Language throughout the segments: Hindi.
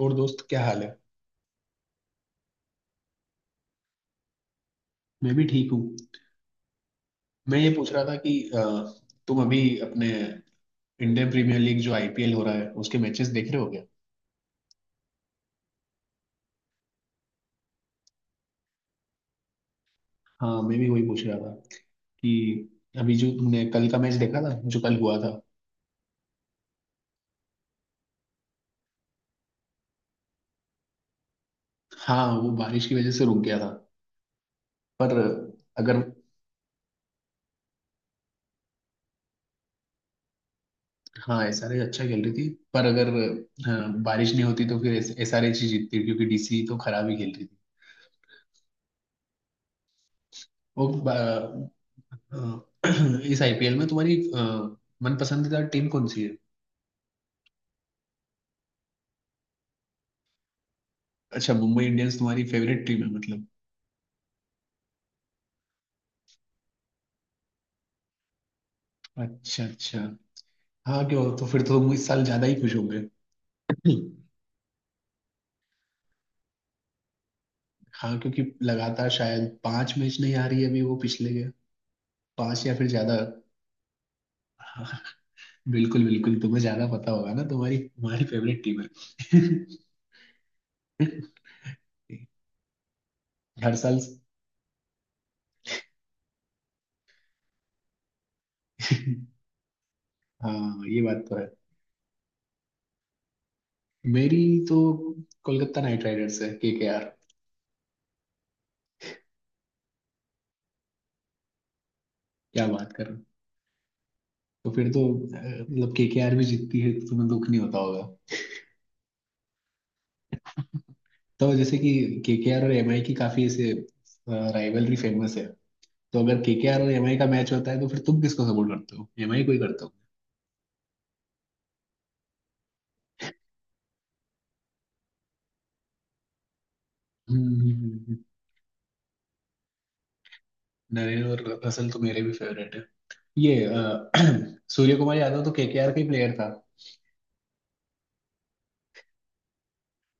और दोस्त, क्या हाल है? मैं भी ठीक हूँ। मैं ये पूछ रहा था कि तुम अभी अपने इंडियन प्रीमियर लीग जो आईपीएल हो रहा है उसके मैचेस देख रहे हो क्या? हाँ, मैं भी वही पूछ रहा था कि अभी जो तुमने कल का मैच देखा था जो कल हुआ था। हाँ वो बारिश की वजह से रुक गया था, पर अगर। हाँ एसआरएच अच्छा खेल रही थी, पर अगर। हाँ, बारिश नहीं होती तो फिर एसआरएच ही जीतती क्योंकि डीसी तो खराब ही खेल रही थी। वो बा- इस आईपीएल में तुम्हारी मन पसंदीदा टीम कौन सी है? अच्छा, मुंबई इंडियंस तुम्हारी फेवरेट टीम है, मतलब। अच्छा अच्छा। हाँ क्यों, तो फिर तो तुम इस साल ज्यादा ही खुश होंगे। हाँ क्योंकि लगातार शायद पांच मैच नहीं आ रही है अभी वो पिछले के, पांच या फिर ज्यादा। हाँ, बिल्कुल बिल्कुल, तुम्हें ज्यादा पता होगा ना, तुम्हारी तुम्हारी फेवरेट टीम है। हर साल। हाँ ये बात तो है। मेरी तो कोलकाता नाइट राइडर्स है, केकेआर। क्या बात कर रहे हो! तो फिर तो अ, मतलब केकेआर भी जीतती है तो तुम्हें दुख नहीं होता होगा। तो जैसे कि केकेआर और एमआई की काफी ऐसे राइवलरी फेमस है। तो अगर केकेआर और एमआई का मैच होता है तो फिर तुम किसको सपोर्ट करते हो, एमआई को ही करते हो? हम्म। नरेन और असल तो मेरे भी फेवरेट है। ये सूर्य कुमार यादव तो केकेआर का ही प्लेयर था।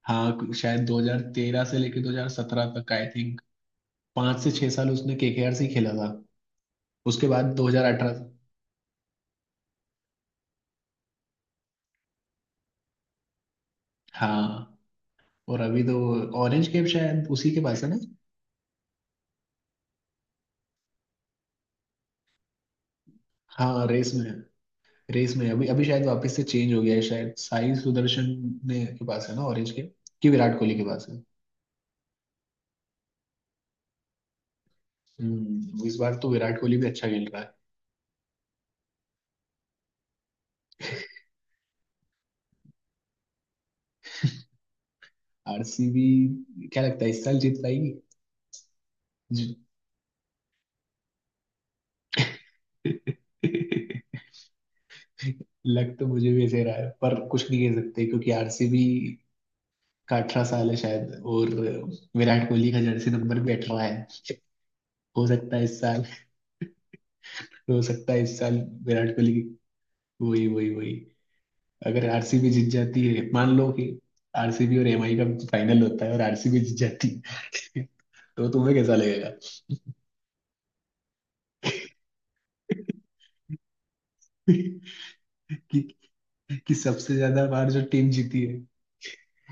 हाँ शायद 2013 से लेकर 2017 तक, आई थिंक 5 से 6 साल उसने केकेआर से ही खेला था। उसके बाद 2018। हाँ और अभी तो ऑरेंज कैप शायद उसी के पास है ना? हाँ रेस में है। रेस में है। अभी अभी शायद वापस से चेंज हो गया है, शायद साई सुदर्शन ने के पास है ना ऑरेंज कैप? कि विराट कोहली के पास है? इस बार तो विराट कोहली भी अच्छा खेल रहा है। आरसीबी क्या लगता है इस साल जीत पाएगी? जी- लग तो मुझे भी ऐसे रहा है पर कुछ नहीं कह सकते क्योंकि आरसीबी का 18 साल है शायद, और विराट कोहली का जर्सी नंबर भी 18 है। हो सकता है इस साल। तो हो सकता है इस साल विराट कोहली की। वही वही वही। अगर आरसीबी जीत जाती है, मान लो कि आरसीबी और एमआई का फाइनल होता है और आरसीबी जीत जाती है तो तुम्हें कैसा लगेगा? कि, कि सबसे ज्यादा बार जो टीम जीती है,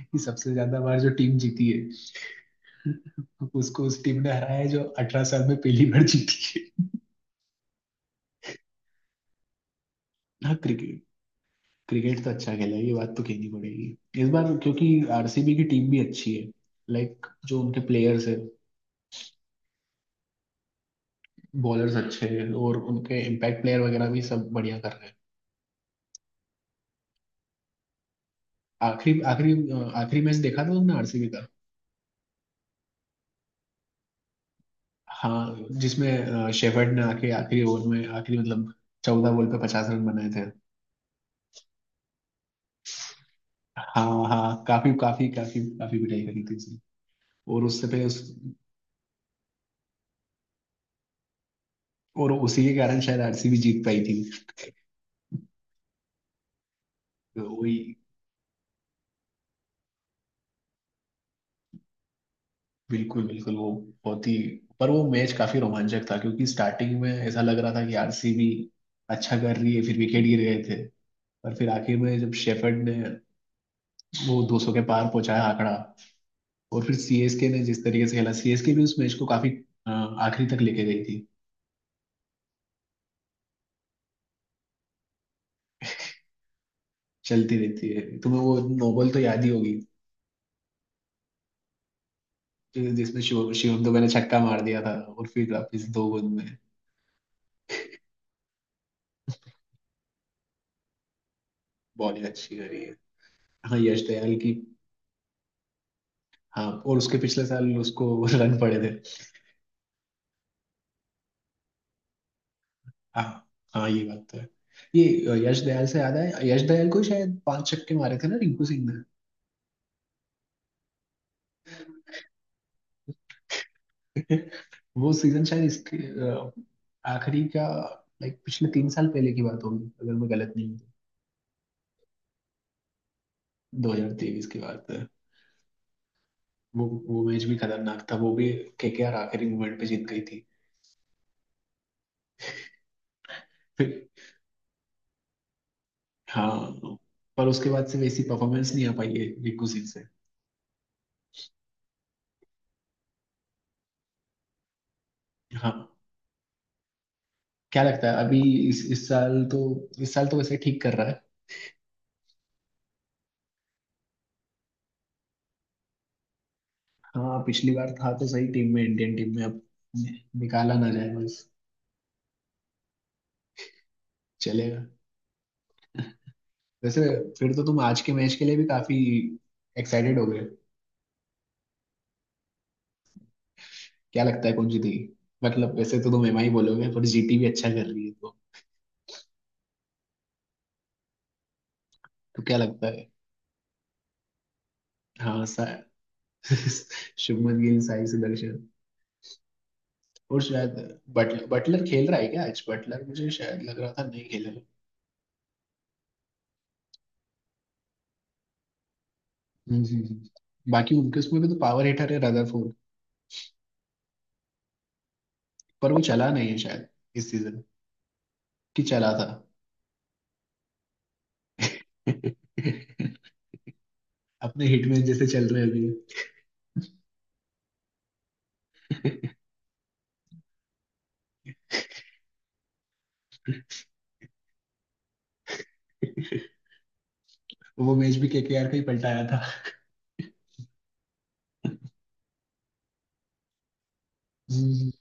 कि सबसे ज्यादा बार जो टीम जीती है उसको उस टीम ने हराया है जो 18 साल में पहली बार जीती है। हाँ क्रिकेट। क्रिकेट तो अच्छा खेला है, ये बात तो कहनी पड़ेगी इस बार, क्योंकि आरसीबी की टीम भी अच्छी है, लाइक जो उनके प्लेयर्स है। बॉलर्स अच्छे हैं और उनके इम्पैक्ट प्लेयर वगैरह भी सब बढ़िया कर रहे हैं। आखिरी आखिरी अ, आखिरी मैच देखा था तुमने आरसीबी का? हाँ जिसमें शेफर्ड ने आके आखिरी ओवर में, आखिरी मतलब, 14 बॉल पे 50 रन बनाए थे। हाँ हाँ, काफी काफी काफी काफी पिटाई करी थी उसने। और उससे पे उस और उसी के कारण शायद आरसीबी जीत पाई थी। तो वही, बिल्कुल बिल्कुल वो, बहुत ही। पर वो मैच काफी रोमांचक था क्योंकि स्टार्टिंग में ऐसा लग रहा था कि आरसीबी अच्छा कर रही है, फिर विकेट गिर गए थे। और फिर आखिर में जब शेफर्ड ने वो 200 के पार पहुंचाया आंकड़ा, और फिर सीएसके ने जिस तरीके से खेला, सीएसके भी उस मैच को काफी आखिरी तक लेके गई थी। चलती रहती है। तुम्हें वो नोबल तो याद ही होगी जिसमें शिवम दुबे ने छक्का मार दिया था, और फिर वापस दो गेंद में बॉलिंग अच्छी करी है, हाँ यश दयाल की। हाँ और उसके पिछले साल उसको रन पड़े थे। हाँ हाँ, ये बात तो है। ये यश दयाल से याद है, यश दयाल को शायद पांच छक्के मारे थे ना रिंकू सिंह ने। वो सीजन शायद इसके अ, आखिरी का, लाइक पिछले 3 साल पहले की बात होगी, अगर मैं गलत नहीं हूँ। तो 2023 की बात है। वो मैच भी खतरनाक था, वो भी केकेआर आखिरी मोमेंट पे जीत गई थी। फिर हाँ, पर उसके बाद से वैसी परफॉर्मेंस नहीं आ पाई है रिंकू सिंह से। हाँ क्या लगता है अभी? इस साल तो, इस साल तो वैसे ठीक कर रहा है। हाँ पिछली बार था तो सही टीम में, इंडियन टीम में अब निकाला ना जाए बस। चलेगा वैसे। फिर तो तुम आज के मैच के लिए भी काफी एक्साइटेड हो गए। क्या लगता है कौन जीतेगी? मतलब वैसे तो तुम एम आई बोलोगे पर जीटी भी अच्छा कर रही है, तो। तो क्या लगता है? हाँ सा शुभमन गिल, साई सुदर्शन और शायद बटलर। बटलर खेल रहा है क्या आज? बटलर मुझे शायद लग रहा था नहीं खेल रहा। बाकी उनके उसमें भी तो पावर हिटर है, रदरफोर्ड। पर वो चला नहीं है शायद इस सीजन, कि चला था? अपने हिटमैन जैसे चल रहे हैं अभी। वो मैच भी केकेआर का ही पलटाया था। हम्म,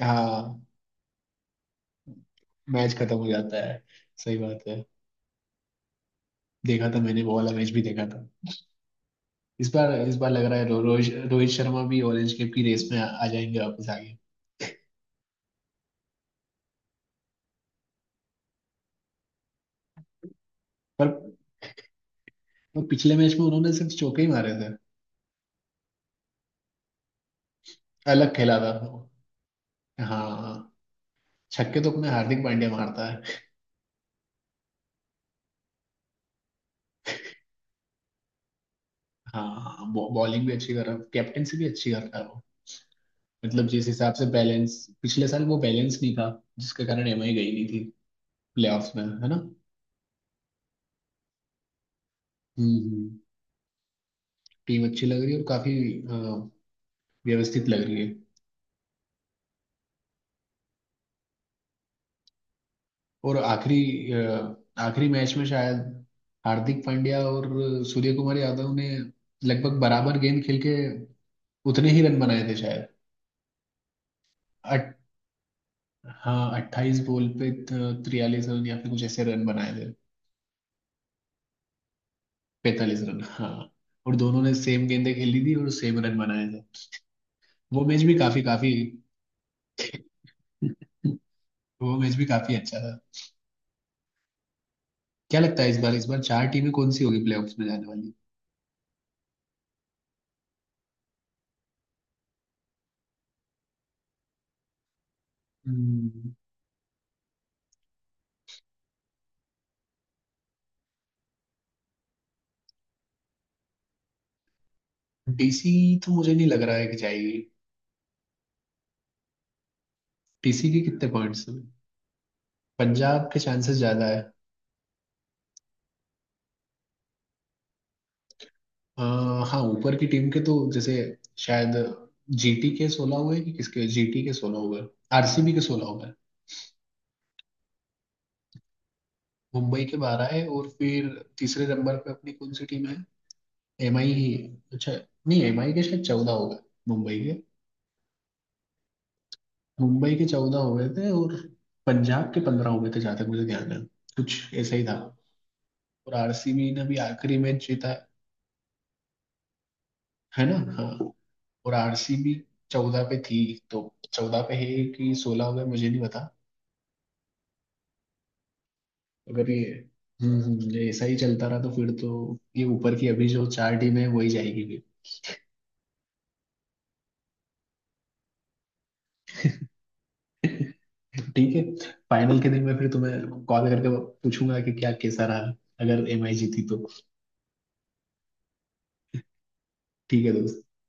हाँ मैच खत्म हो जाता है। सही बात है। देखा था मैंने, वो वाला मैच भी देखा था। इस बार लग रहा है रो, रोहित रोहित शर्मा भी ऑरेंज कैप की रेस में आ जाएंगे वापस आगे। पर वो पिछले मैच में उन्होंने सिर्फ चौके ही मारे थे। अलग खेला था वो। हाँ छक्के तो अपने हार्दिक पांड्या मारता है। हाँ बॉलिंग भी अच्छी कर रहा है, कैप्टेंसी भी अच्छी कर रहा है वो। मतलब जिस हिसाब से बैलेंस, पिछले साल वो बैलेंस नहीं था जिसके कारण एमआई गई नहीं थी प्लेऑफ्स में, है ना? हम्म हम्म। टीम अच्छी लग रही है और काफी अ, व्यवस्थित लग रही है। और आखिरी मैच में शायद हार्दिक पांड्या और सूर्य कुमार यादव ने लगभग बराबर गेंद खेल के उतने ही रन बनाए थे शायद। अट, हाँ 28 बॉल पे 43 रन या फिर कुछ ऐसे रन बनाए थे। 45 रन, हाँ। और दोनों ने सेम गेंदें खेली थी और सेम रन बनाए थे। वो मैच भी काफी काफी वो मैच भी काफी अच्छा था। क्या लगता है इस बार चार टीमें कौन सी होगी प्लेऑफ्स में जाने वाली? डीसी तो मुझे नहीं लग रहा है कि जाएगी। डीसी के कितने पॉइंट्स हैं? पंजाब के चांसेस ज्यादा है। आ, हाँ ऊपर की टीम के तो, जैसे शायद जीटी के 16 हुए कि किसके? जीटी के 16 हुए, आरसीबी के 16 हुए, मुंबई के 12 है, और फिर तीसरे नंबर पे अपनी कौन सी टीम है? एमआई ही है। अच्छा, नहीं एमआई के शायद 14 हो गए, मुंबई के। मुंबई के 14 हो गए थे और पंजाब के 15 हो गए थे जहाँ तक मुझे ध्यान है, कुछ ऐसा ही था। और आरसीबी ने भी आखिरी मैच जीता है ना? हाँ और आरसीबी 14 पे थी, तो 14 पे है कि 16 हो गए, मुझे नहीं पता। अगर ये, ये ऐसा ही चलता रहा तो फिर तो ये ऊपर की अभी जो चार टीम है वही जाएगी भी। ठीक है। फाइनल के दिन मैं फिर तुम्हें कॉल करके पूछूंगा कि क्या कैसा रहा, अगर एमआई जीती तो। ठीक है दोस्त।